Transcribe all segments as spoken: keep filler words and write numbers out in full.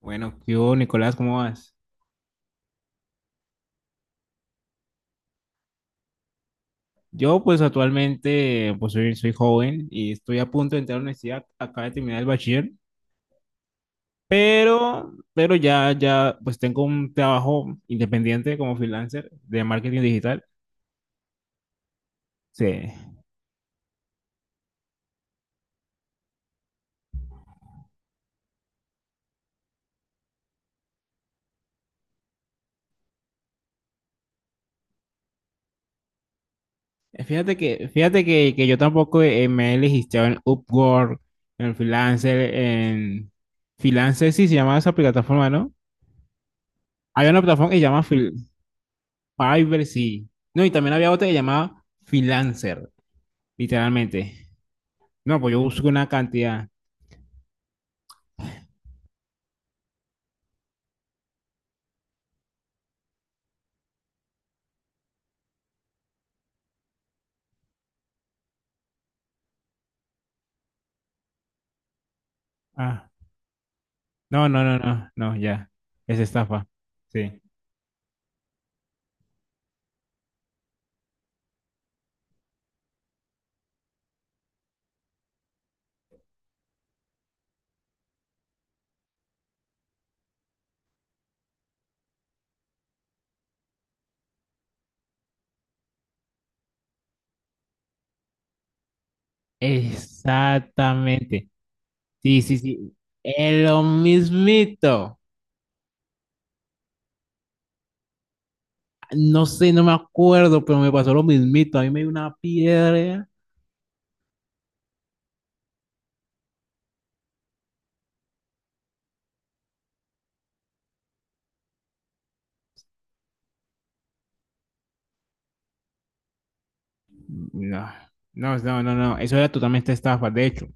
Bueno, ¿qué hubo, Nicolás? ¿Cómo vas? Yo, pues, actualmente, pues, soy, soy joven y estoy a punto de entrar a la universidad. Acabo de terminar el bachiller, pero, pero ya, ya, pues, tengo un trabajo independiente como freelancer de marketing digital. Sí. Eh, Fíjate que, fíjate que, que yo tampoco eh, me he registrado en Upwork, en Freelancer, en... Freelancer, sí, se llama esa plataforma, ¿no? Había una plataforma que se llama Fiverr, sí. No, y también había otra que se llamaba Freelancer. Literalmente. No, pues yo busco una cantidad. Ah, no, no, no, no, no, ya. Es estafa. Sí. Exactamente. Sí, sí, sí. Es lo mismito. No sé, no me acuerdo, pero me pasó lo mismito. A mí me dio una piedra. No, no, no, no, no. Eso era totalmente estafa. De hecho,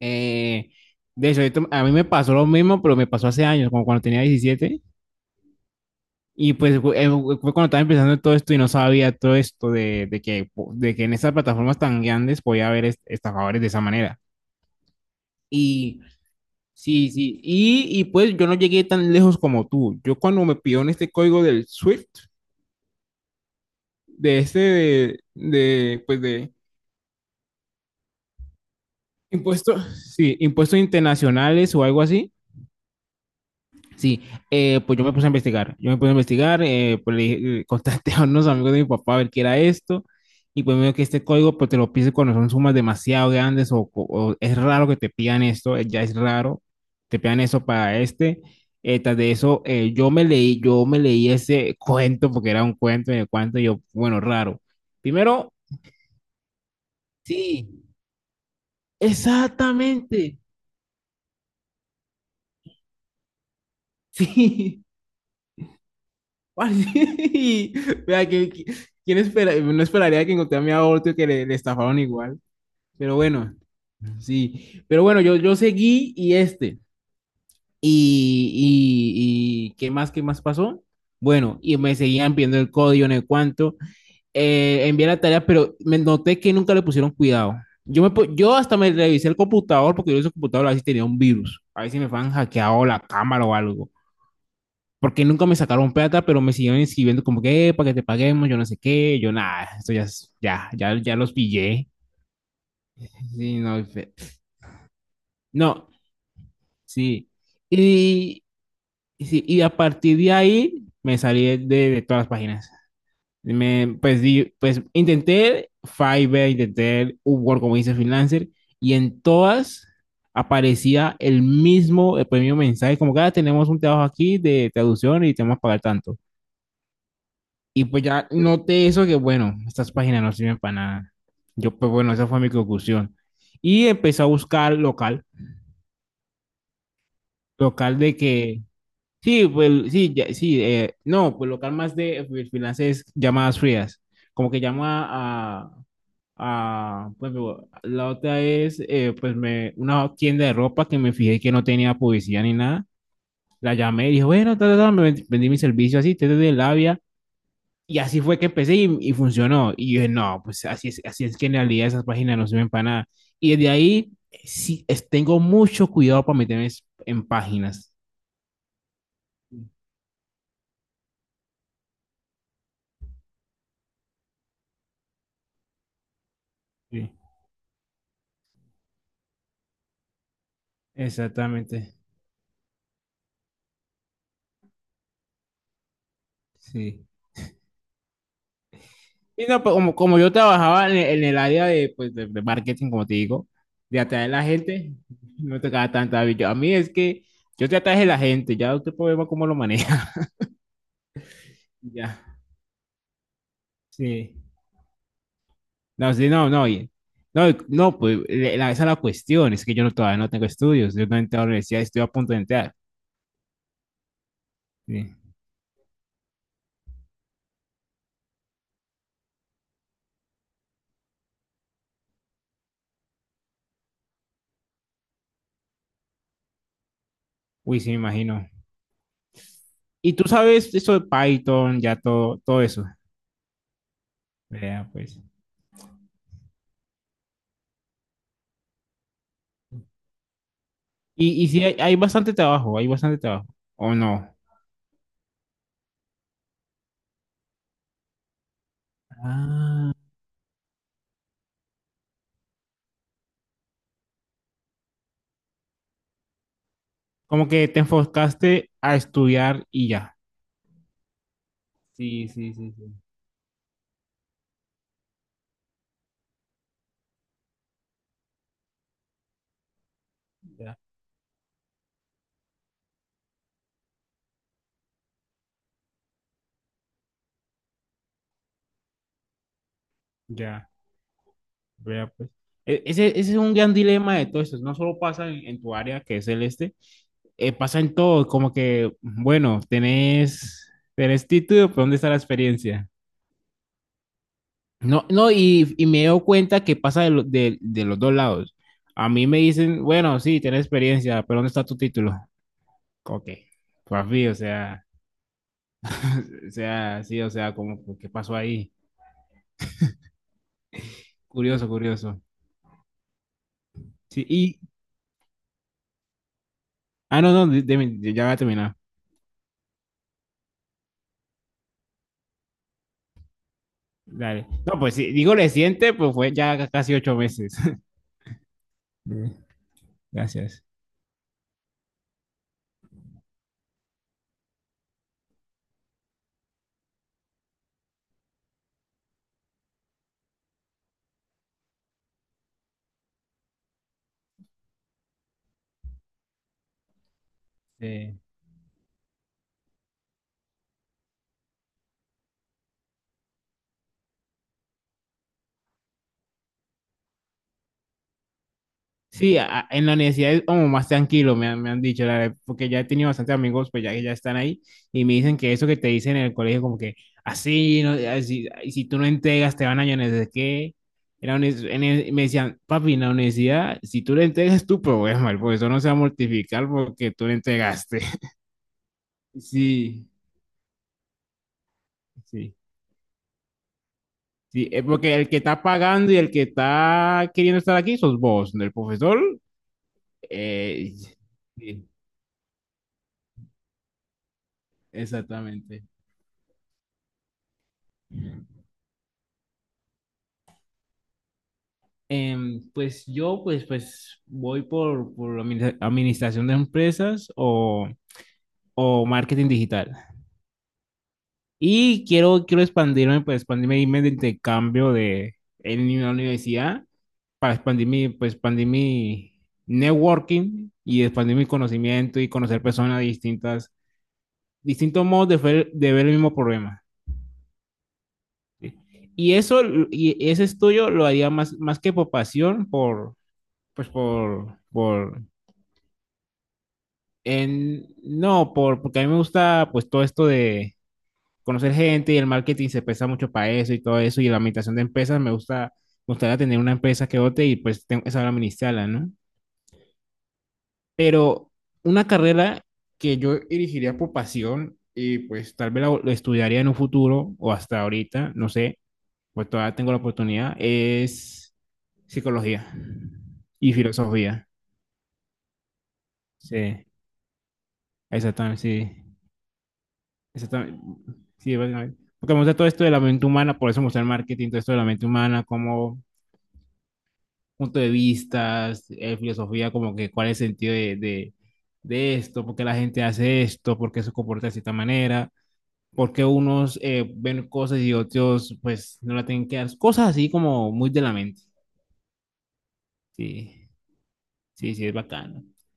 eh, de hecho, esto- a mí me pasó lo mismo, pero me pasó hace años, como cuando tenía diecisiete. Y pues gu- eh, gu- fue cuando estaba empezando todo esto y no sabía todo esto de, de que, po- de que en estas plataformas tan grandes podía haber est- estafadores de esa manera. Y sí, sí, y, y pues yo no llegué tan lejos como tú. Yo cuando me pidieron este código del S W I F T, de este de, de, pues de impuestos, sí, impuestos internacionales o algo así, sí, eh, pues yo me puse a investigar, yo me puse a investigar, eh, pues le dije- eh, contacté a unos amigos de mi papá a ver qué era esto, y pues me dijo que este código pues te lo pide cuando son sumas demasiado grandes o, o- o es raro que te pidan esto, eh, ya es raro, te pidan eso para este, eh, tras de eso eh, yo me leí, yo me leí ese cuento porque era un cuento en el cuento, y yo, bueno, raro. Primero, sí, exactamente, sí. Y, vea, ¿quién, ¿quién espera? No esperaría que encontré a mi aborto que le, le estafaron igual. Pero bueno, sí. Pero bueno, yo, yo seguí y este. Y, y, y ¿qué más, ¿qué más pasó? Bueno, y me seguían pidiendo el código en el cuánto. Eh, envié la tarea, pero me noté que nunca le pusieron cuidado. Yo, me, pu- yo hasta me revisé el computador porque yo ese computador a ver si tenía un virus. A ver si me habían hackeado la cámara o algo, porque nunca me sacaron plata, pero me siguieron escribiendo como que, "Eh, para que te paguemos, yo no sé qué, yo nada, esto ya, es- ya, ya, ya los pillé." Sí, no, fe- no, sí. Y, y sí, y a partir de ahí me salí de, de todas las páginas. Me, pues, di- pues intenté Fiverr, intenté Upwork, como dice freelancer, y en todas aparecía el mismo, el mismo mensaje, como que "Ah, tenemos un trabajo aquí de traducción y te vamos a pagar tanto." Y pues ya noté eso que, bueno, estas páginas no sirven para nada. Yo, pues bueno, esa fue mi conclusión. Y empecé a buscar local, local de que, sí, pues sí, ya- sí, eh, no, pues local más de freelancers, llamadas frías, como que llama a, a pues digo, la otra es, eh, pues me, una tienda de ropa que me fijé que no tenía publicidad ni nada, la llamé y dije, bueno, ta, ta, ta, me vendí, vendí mi servicio así, desde de labia. Y así fue que empecé y, y funcionó. Y yo dije, no, pues así es, así es que en realidad esas páginas no sirven para nada. Y desde ahí sí, es- tengo mucho cuidado para meterme es- en páginas. Sí, exactamente. Sí. Y no, pues, como, como yo trabajaba en, el en el área de, pues, de, de marketing, como te digo, de atraer a la gente, no me tocaba tanta vida. A mí es que yo te atraje a la gente, ya usted puede ver cómo lo maneja. Ya. Sí. No, sí, no, no, y- no, no, pues le- la, esa es la cuestión, es que yo no, todavía no tengo estudios, yo no he entrado a la universidad, estoy a punto de entrar. Sí. Uy, sí, me imagino. Y tú sabes eso de Python, ya todo, todo eso, vea, pues. Y, y sí, hay, hay bastante trabajo, hay bastante trabajo, ¿o no? Ah. Como que te enfocaste a estudiar y ya. Sí, sí, sí, sí, ya, ya, vea, pues. E- Ese, ese es un gran dilema de todo esto, no solo pasa en en tu área, que es el este, eh, pasa en todo, como que, bueno, tenés, tenés título, pero ¿dónde está la experiencia? No, no, y, y me he dado cuenta que pasa de, lo- de- de los dos lados. A mí me dicen, bueno, sí, tenés experiencia, pero ¿dónde está tu título? Ok, papi, o sea, o sea, sí, o sea, como, ¿qué pasó ahí? Curioso, curioso. Sí, y, ah, no, no, de- de- ya va a terminar. Dale. No, pues sí, digo reciente, pues fue ya ca- casi ocho meses. Mm. Gracias. Sí. Sí, a- a- en la universidad es como más tranquilo, me han, me han dicho, la verdad, porque ya he tenido bastantes amigos, pues ya que ya están ahí, y me dicen que eso que te dicen en el colegio, como que así, no, así, y si tú no entregas, te van a llamar, de qué. En la unis- en el- me decían, papi, en la universidad, si tú le entregas, es tu problema, el profesor no se va a mortificar porque tú le entregaste. Sí, sí, sí, es porque el que está pagando y el que está queriendo estar aquí sos vos, el profesor. eh, sí, exactamente. Em, pues yo, pues, pues voy por, por administra- administración de empresas o, o marketing digital. Y quiero, quiero expandirme, pues expandirme, irme de intercambio de, en una universidad para expandir mi, pues, expandir mi networking y expandir mi conocimiento y conocer personas distintas, distintos modos de ver, de ver el mismo problema. ¿Sí? Y eso, y ese estudio lo haría más, más que por pasión, por, pues por, por En- no, por, porque a mí me gusta pues todo esto de conocer gente y el marketing se pesa mucho para eso y todo eso y la administración de empresas me gusta, me gustaría tener una empresa que vote y pues tengo, que saber administrarla, ¿no? Pero una carrera que yo elegiría por pasión y pues tal vez la, la estudiaría en un futuro o hasta ahorita, no sé, pues todavía tengo la oportunidad, es psicología y filosofía. Sí, exactamente, sí. Exactamente. Sí, básicamente. Porque me gusta todo esto de la mente humana, por eso me gusta el marketing, todo esto de la mente humana, como punto de vistas, eh, filosofía, como que cuál es el sentido de, de, de esto, por qué la gente hace esto, por qué se comporta de cierta manera, por qué unos eh, ven cosas y otros pues no la tienen que dar, cosas así como muy de la mente. Sí, sí, sí, es bacano.